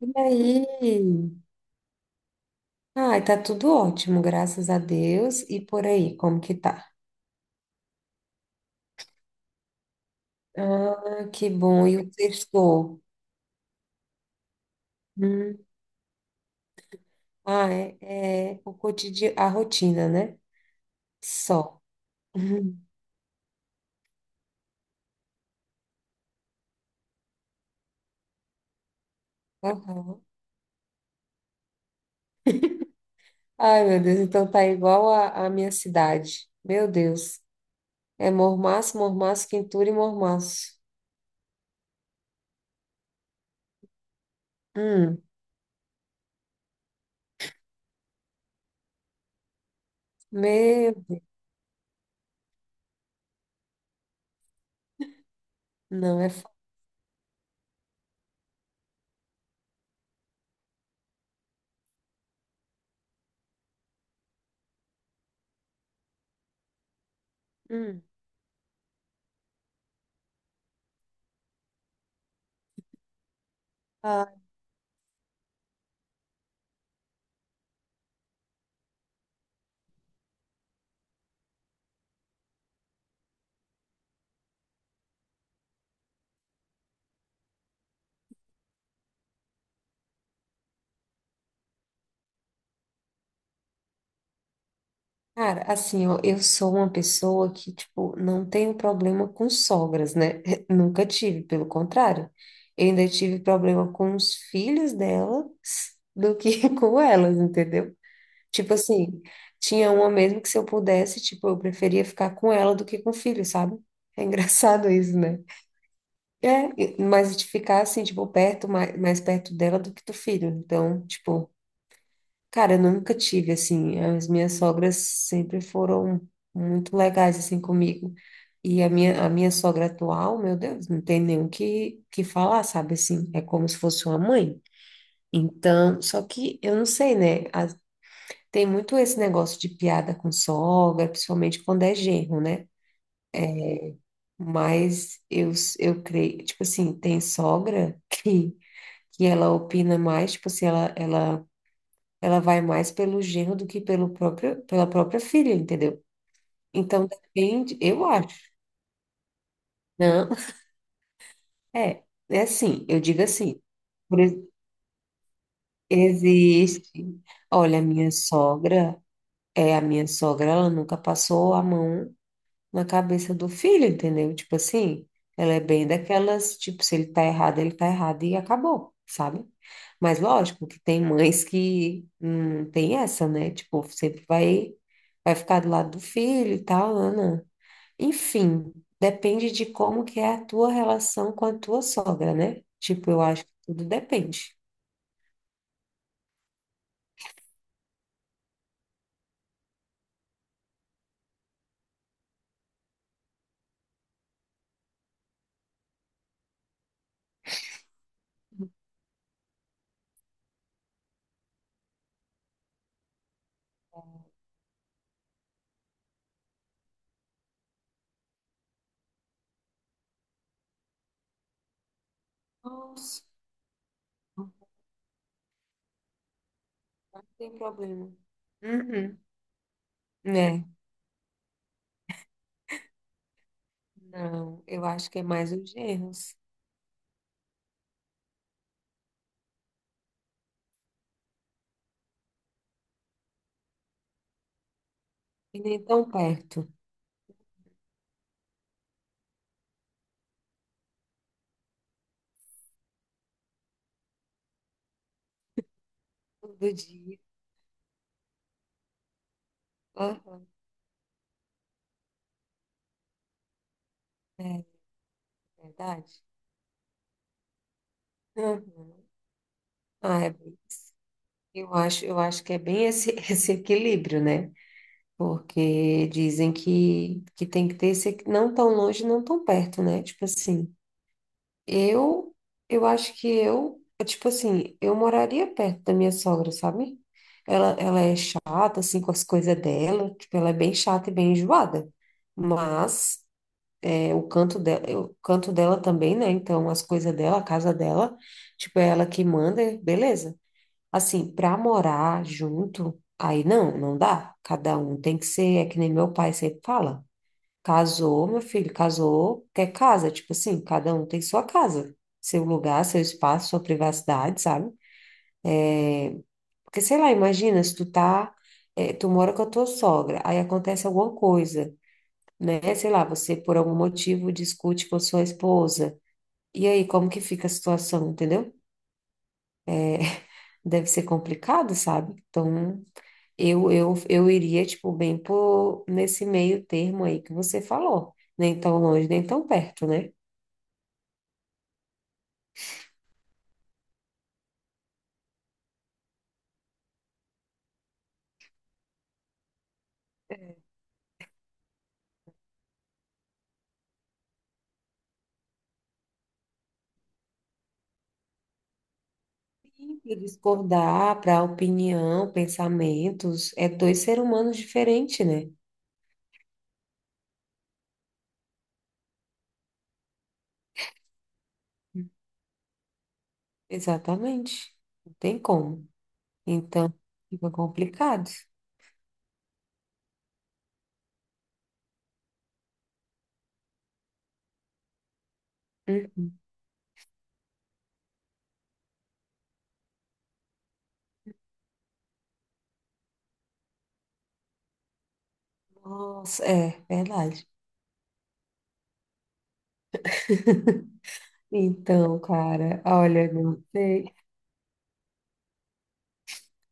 E aí? Ai, tá tudo ótimo, graças a Deus. E por aí, como que tá? Ah, que bom. E o sextou? Hum. Ah, é o cotidiano, a rotina, né? Só. Uhum. Aham. Ai, meu Deus, então tá igual a minha cidade. Meu Deus. É mormaço, mormaço, quintura e mormaço. Hum. Meu, não é. Hum. Cara, assim, ó, eu sou uma pessoa que, tipo, não tenho problema com sogras, né? Nunca tive, pelo contrário. Eu ainda tive problema com os filhos dela do que com elas, entendeu? Tipo assim, tinha uma mesmo que, se eu pudesse, tipo, eu preferia ficar com ela do que com o filho, sabe? É engraçado isso, né? É, mas de ficar assim, tipo, perto, mais, mais perto dela do que do filho. Então, tipo. Cara, eu nunca tive, assim, as minhas sogras sempre foram muito legais, assim, comigo. E a minha sogra atual, meu Deus, não tem nem o que falar, sabe, assim, é como se fosse uma mãe. Então, só que eu não sei, né, tem muito esse negócio de piada com sogra, principalmente quando é genro, né? Mas eu, eu creio, tipo assim, tem sogra que ela opina mais, tipo assim, ela ela vai mais pelo genro do que pelo próprio, pela própria filha, entendeu? Então depende, eu acho. Não, é, é assim, eu digo assim. por ex- Existe. Olha, é a minha sogra, ela nunca passou a mão na cabeça do filho, entendeu? Tipo assim, ela é bem daquelas, tipo, se ele tá errado, ele tá errado e acabou, sabe? Mas lógico que tem mães que tem essa, né? Tipo, sempre vai, vai ficar do lado do filho e tal, Ana. Enfim, depende de como que é a tua relação com a tua sogra, né? Tipo, eu acho que tudo depende. Nossa, não tem problema. Uhum, né? Não, eu acho que é mais os genros. E nem tão perto. Todo dia. Aham. É verdade. Aham. Ah, eu acho que é bem esse esse equilíbrio, né? Porque dizem que tem que ter esse não tão longe, não tão perto, né? Tipo assim, eu eu acho que eu, tipo assim, eu moraria perto da minha sogra, sabe? Ela é chata, assim, com as coisas dela, tipo, ela é bem chata e bem enjoada. Mas é, o canto dela também, né? Então, as coisas dela, a casa dela, tipo, é ela que manda, beleza. Assim, pra morar junto, aí não, não dá. Cada um tem que ser, é que nem meu pai sempre fala. Casou, meu filho, casou, quer casa. Tipo assim, cada um tem sua casa, seu lugar, seu espaço, sua privacidade, sabe? Porque, sei lá, imagina, se tu tá, tu mora com a tua sogra, aí acontece alguma coisa, né? Sei lá, você por algum motivo discute com sua esposa. E aí, como que fica a situação, entendeu? Deve ser complicado, sabe? Então, eu iria, tipo, bem por nesse meio termo aí que você falou. Nem tão longe, nem tão perto, né? Para discordar, para opinião, pensamentos, é dois seres humanos diferentes, né? Exatamente. Não tem como. Então, fica complicado. Hum. Nossa, é verdade. Então, cara, olha, não sei.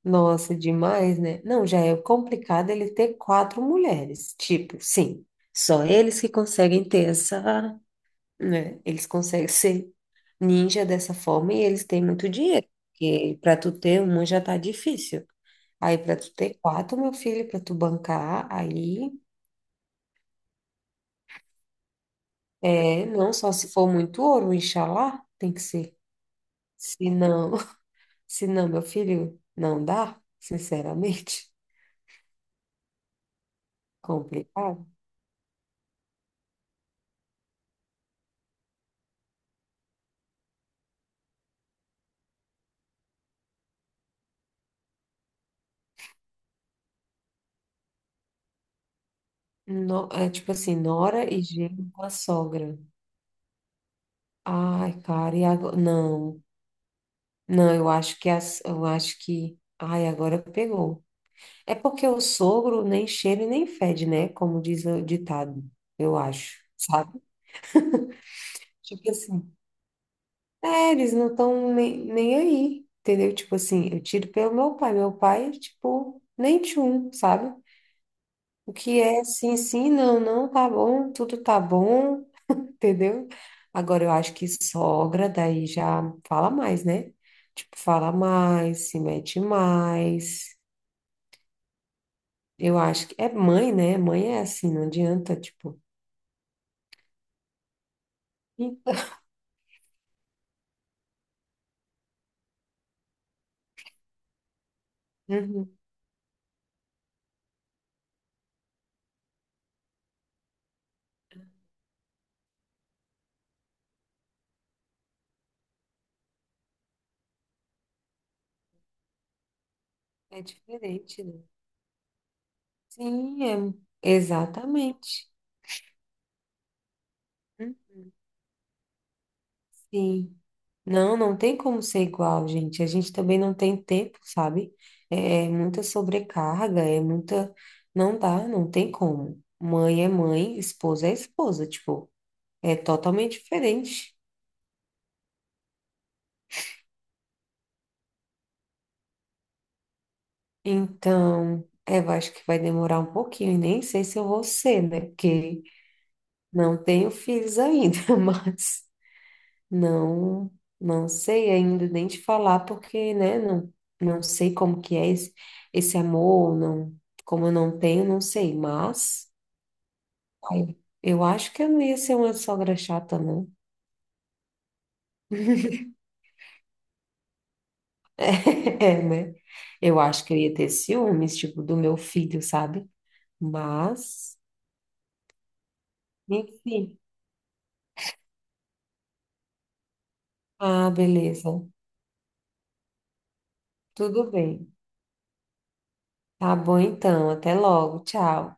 Nossa, demais, né? Não, já é complicado ele ter quatro mulheres. Tipo, sim, só eles que conseguem ter essa, né? Eles conseguem ser ninja dessa forma e eles têm muito dinheiro. Porque para tu ter uma já tá difícil. Aí para tu ter quatro, meu filho, para tu bancar, aí é, não só se for muito ouro, inxalá, tem que ser. Se não, se não, meu filho, não dá, sinceramente, complicado. É tipo assim, nora e genro com a sogra. Ai, cara, e agora? Não, não, eu acho que as, eu acho que. Ai, agora pegou. É porque o sogro nem cheira e nem fede, né? Como diz o ditado, eu acho, sabe? Tipo assim, é, eles não estão nem, nem aí, entendeu? Tipo assim, eu tiro pelo meu pai. Meu pai, tipo, nem tchum, sabe? O que é sim, sim, não, não, tá bom, tudo tá bom. Entendeu? Agora eu acho que sogra daí já fala mais, né? Tipo, fala mais, se mete mais. Eu acho que é mãe, né? Mãe é assim, não adianta, tipo. Uhum. É diferente, né? Sim, é... exatamente. Hum, Sim. Não, não tem como ser igual, gente. A gente também não tem tempo, sabe? É muita sobrecarga, é muita. Não dá, não tem como. Mãe é mãe, esposa é esposa. Tipo, é totalmente diferente. Então, é, eu acho que vai demorar um pouquinho, e nem sei se eu vou ser, né? Porque não tenho filhos ainda, mas não, não sei ainda nem te falar, porque, né, não, não sei como que é esse, esse amor, não, como eu não tenho, não sei, mas ai, eu acho que eu não ia ser uma sogra chata, não. É, né? Eu acho que eu ia ter ciúmes, tipo, do meu filho, sabe? Mas, enfim. Ah, beleza. Tudo bem. Tá bom então. Até logo. Tchau.